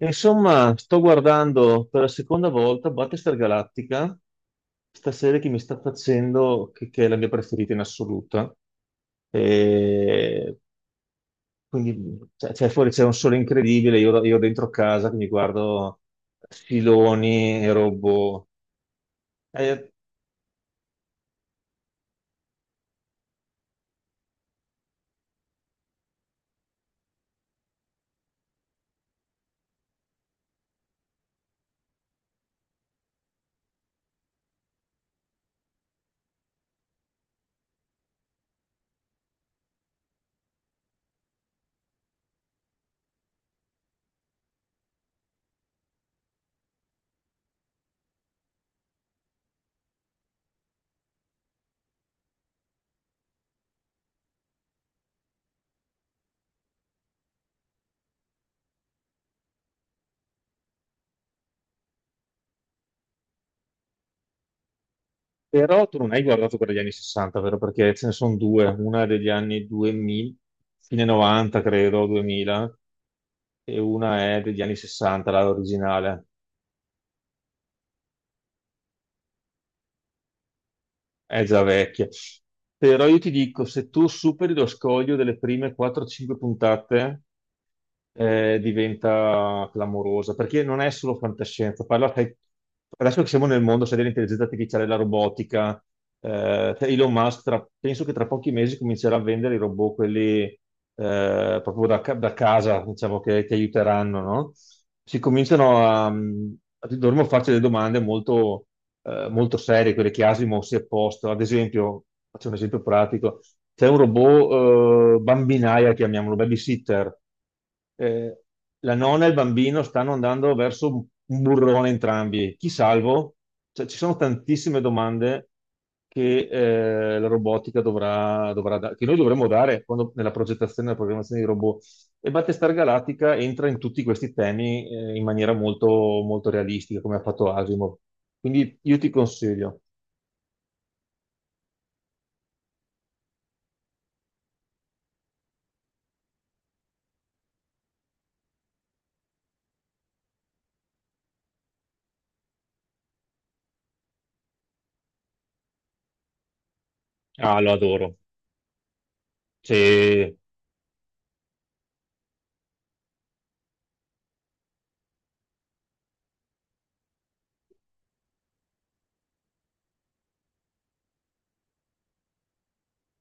Insomma, sto guardando per la seconda volta Battlestar Galactica, sta serie che mi sta facendo, che è la mia preferita in assoluto. E quindi, cioè, fuori c'è un sole incredibile, io dentro casa che mi guardo filoni e robot. Eh, però tu non hai guardato quella degli anni 60, vero? Perché ce ne sono due, una è degli anni 2000, fine 90 credo, 2000, e una è degli anni 60, la originale. È già vecchia. Però io ti dico, se tu superi lo scoglio delle prime 4-5 puntate, diventa clamorosa, perché non è solo fantascienza. Parla, sai, adesso che siamo nel mondo, sai, dell'intelligenza artificiale, la robotica, cioè Elon Musk, penso che tra pochi mesi comincerà a vendere i robot, quelli proprio da, da casa, diciamo, che ti aiuteranno, no? Si cominciano dovremmo farci delle domande molto, molto serie, quelle che Asimov si è posto. Ad esempio, faccio un esempio pratico, c'è un robot bambinaia, chiamiamolo, babysitter, eh, la nonna e il bambino stanno andando verso un burrone entrambi. Chi salvo? Cioè, ci sono tantissime domande che la robotica che noi dovremmo dare nella progettazione e nella programmazione di robot. E Battlestar Galactica entra in tutti questi temi in maniera molto, molto realistica, come ha fatto Asimov. Quindi io ti consiglio. Ah, lo adoro. Sì.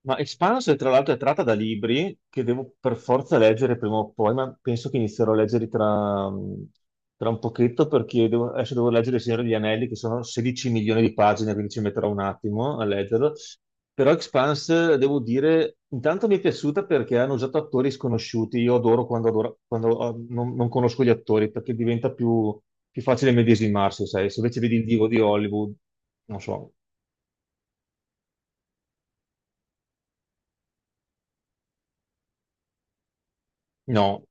Ma Expanse, tra l'altro, è tratta da libri che devo per forza leggere prima o poi, ma penso che inizierò a leggerli tra un pochetto perché adesso devo leggere Il Signore degli Anelli, che sono 16 milioni di pagine, quindi ci metterò un attimo a leggerlo. Però Expanse, devo dire, intanto mi è piaciuta perché hanno usato attori sconosciuti. Io adoro quando, quando non conosco gli attori perché diventa più, più facile medesimarsi, sai? Se invece vedi il divo di Hollywood, non so, no.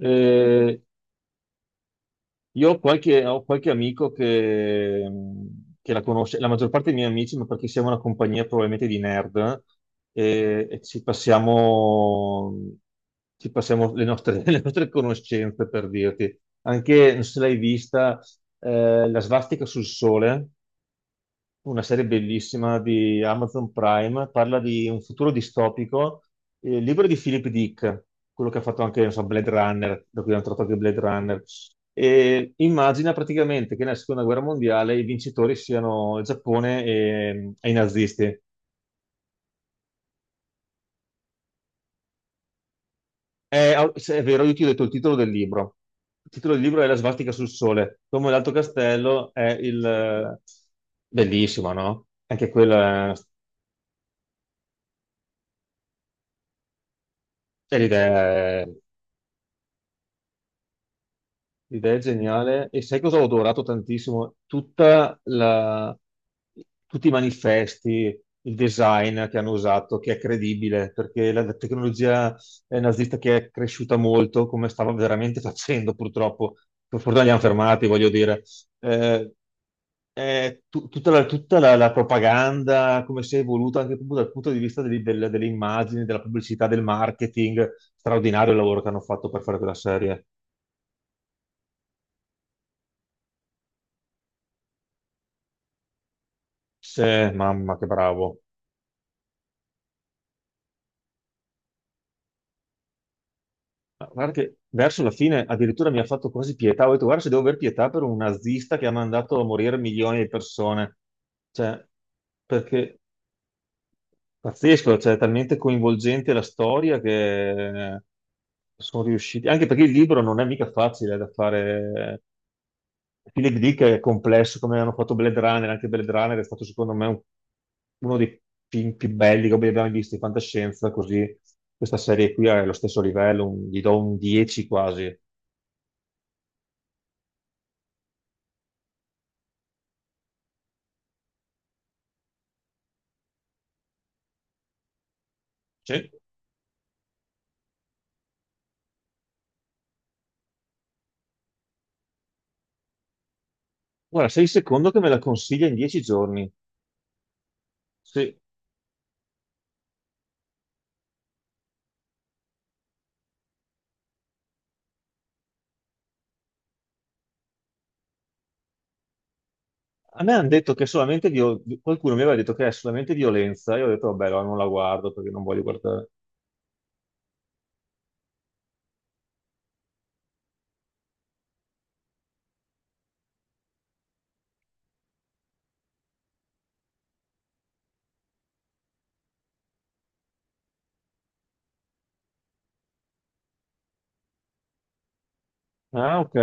Eh, Io ho qualche amico che la conosce, la maggior parte dei miei amici, ma perché siamo una compagnia probabilmente di nerd e ci passiamo le nostre, le nostre conoscenze per dirti. Anche, non so se l'hai vista, la svastica sul sole una serie bellissima di Amazon Prime, parla di un futuro distopico, libro di Philip Dick, quello che ha fatto anche, non so, Blade Runner, da cui hanno tratto anche Blade Runner. E immagina praticamente che nella seconda guerra mondiale i vincitori siano il Giappone e i nazisti. È, se è vero, io ti ho detto il titolo del libro. Il titolo del libro è La svastica sul sole. Come l'Alto Castello è il... Bellissimo, no? Anche quella è l'idea. L'idea è geniale e sai cosa ho adorato tantissimo? Tutti i manifesti, il design che hanno usato, che è credibile, perché la tecnologia nazista che è cresciuta molto, come stava veramente facendo purtroppo, per fortuna li hanno fermati, voglio dire, eh, è tutta la, la propaganda, come si è evoluta anche proprio dal punto di vista delle, delle immagini, della pubblicità, del marketing, straordinario il lavoro che hanno fatto per fare quella serie. Sì, mamma, che bravo. Ma guarda che verso la fine addirittura mi ha fatto quasi pietà. Ho detto, guarda, se devo aver pietà per un nazista che ha mandato a morire milioni di persone. Cioè, perché pazzesco, cioè, è talmente coinvolgente la storia che sono riusciti. Anche perché il libro non è mica facile da fare. Philip Dick è complesso, come hanno fatto Blade Runner. Anche Blade Runner è stato, secondo me, uno dei film più belli che abbiamo mai visto in fantascienza. Così, questa serie qui è allo stesso livello, gli do un 10 quasi. Sì. Guarda, sei il secondo che me la consiglia in 10 giorni. Se- a me hanno detto che è solamente qualcuno mi aveva detto che è solamente violenza. Io ho detto, vabbè, allora non la guardo perché non voglio guardare. Ah, ok.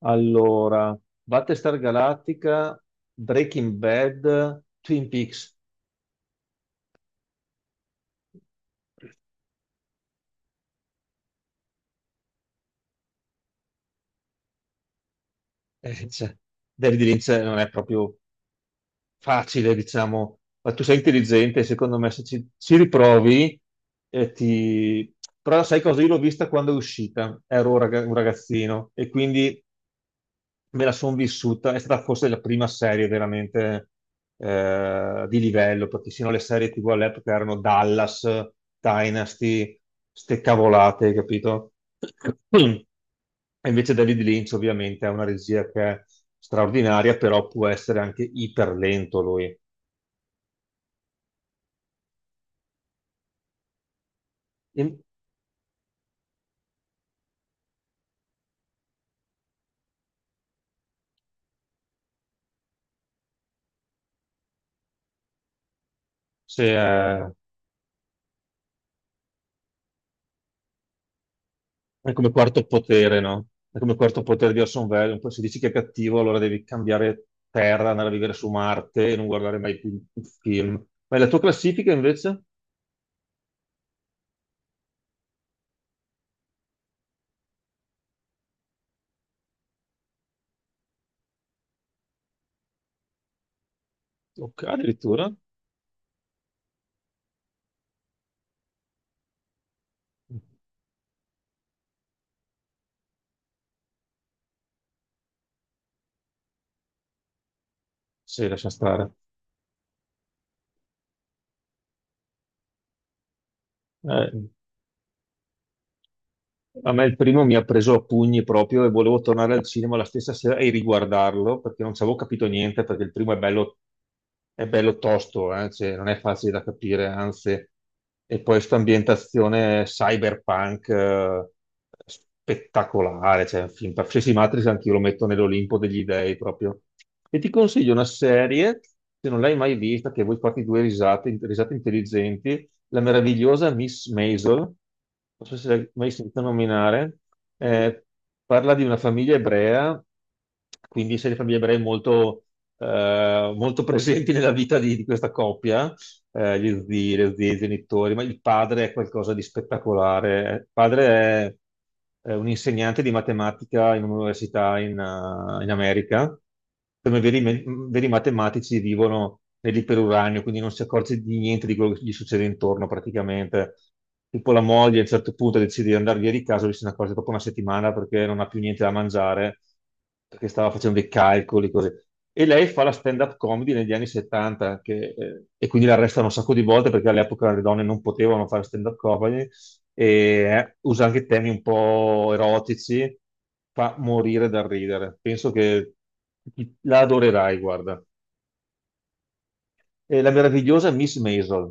Allora, Battlestar Galactica, Breaking Bad, Twin Peaks. Cioè, David Lynch non è proprio facile, diciamo, ma tu sei intelligente, secondo me se ci, ci riprovi, ti... però sai cosa? Io l'ho vista quando è uscita, ero un un ragazzino e quindi me la sono vissuta, è stata forse la prima serie veramente di livello, perché sino alle serie TV all'epoca erano Dallas, Dynasty, ste cavolate, capito? E invece David Lynch ovviamente ha una regia che è straordinaria, però può essere anche iper lento lui. E Se, eh, è come quarto potere, no? È come quarto potere di Orson Welles. Poi se dici che è cattivo, allora devi cambiare terra, andare a vivere su Marte e non guardare mai più un film. Ma la tua classifica invece? Ok, addirittura? Sì, lascia stare. Eh, A me il primo mi ha preso a pugni proprio e volevo tornare al cinema la stessa sera e riguardarlo perché non ci avevo capito niente, perché il primo è bello tosto, cioè, non è facile da capire, anzi. E poi questa ambientazione cyberpunk... spettacolare, cioè un film qualsiasi Matrix anch'io lo metto nell'Olimpo degli dei proprio. E ti consiglio una serie, se non l'hai mai vista, che vuoi farti due risate, risate intelligenti, la meravigliosa Miss Maisel, non so se l'hai mai sentita nominare, eh, parla di una famiglia ebrea, quindi sei di famiglie ebree molto, molto presenti nella vita di questa coppia, gli zii, le zie, i genitori, ma il padre è qualcosa di spettacolare. Il padre è un insegnante di matematica in un'università in America. Come veri matematici vivono nell'iperuranio, quindi non si accorge di niente di quello che gli succede intorno praticamente. Tipo la moglie a un certo punto decide di andare via di casa, lui se ne accorge dopo una settimana perché non ha più niente da mangiare che stava facendo dei calcoli, così. E lei fa la stand-up comedy negli anni 70, che, e quindi la arrestano un sacco di volte perché all'epoca le donne non potevano fare stand-up comedy, e usa anche temi un po' erotici, fa morire dal ridere. Penso che la adorerai, guarda. E la meravigliosa Miss Maisel.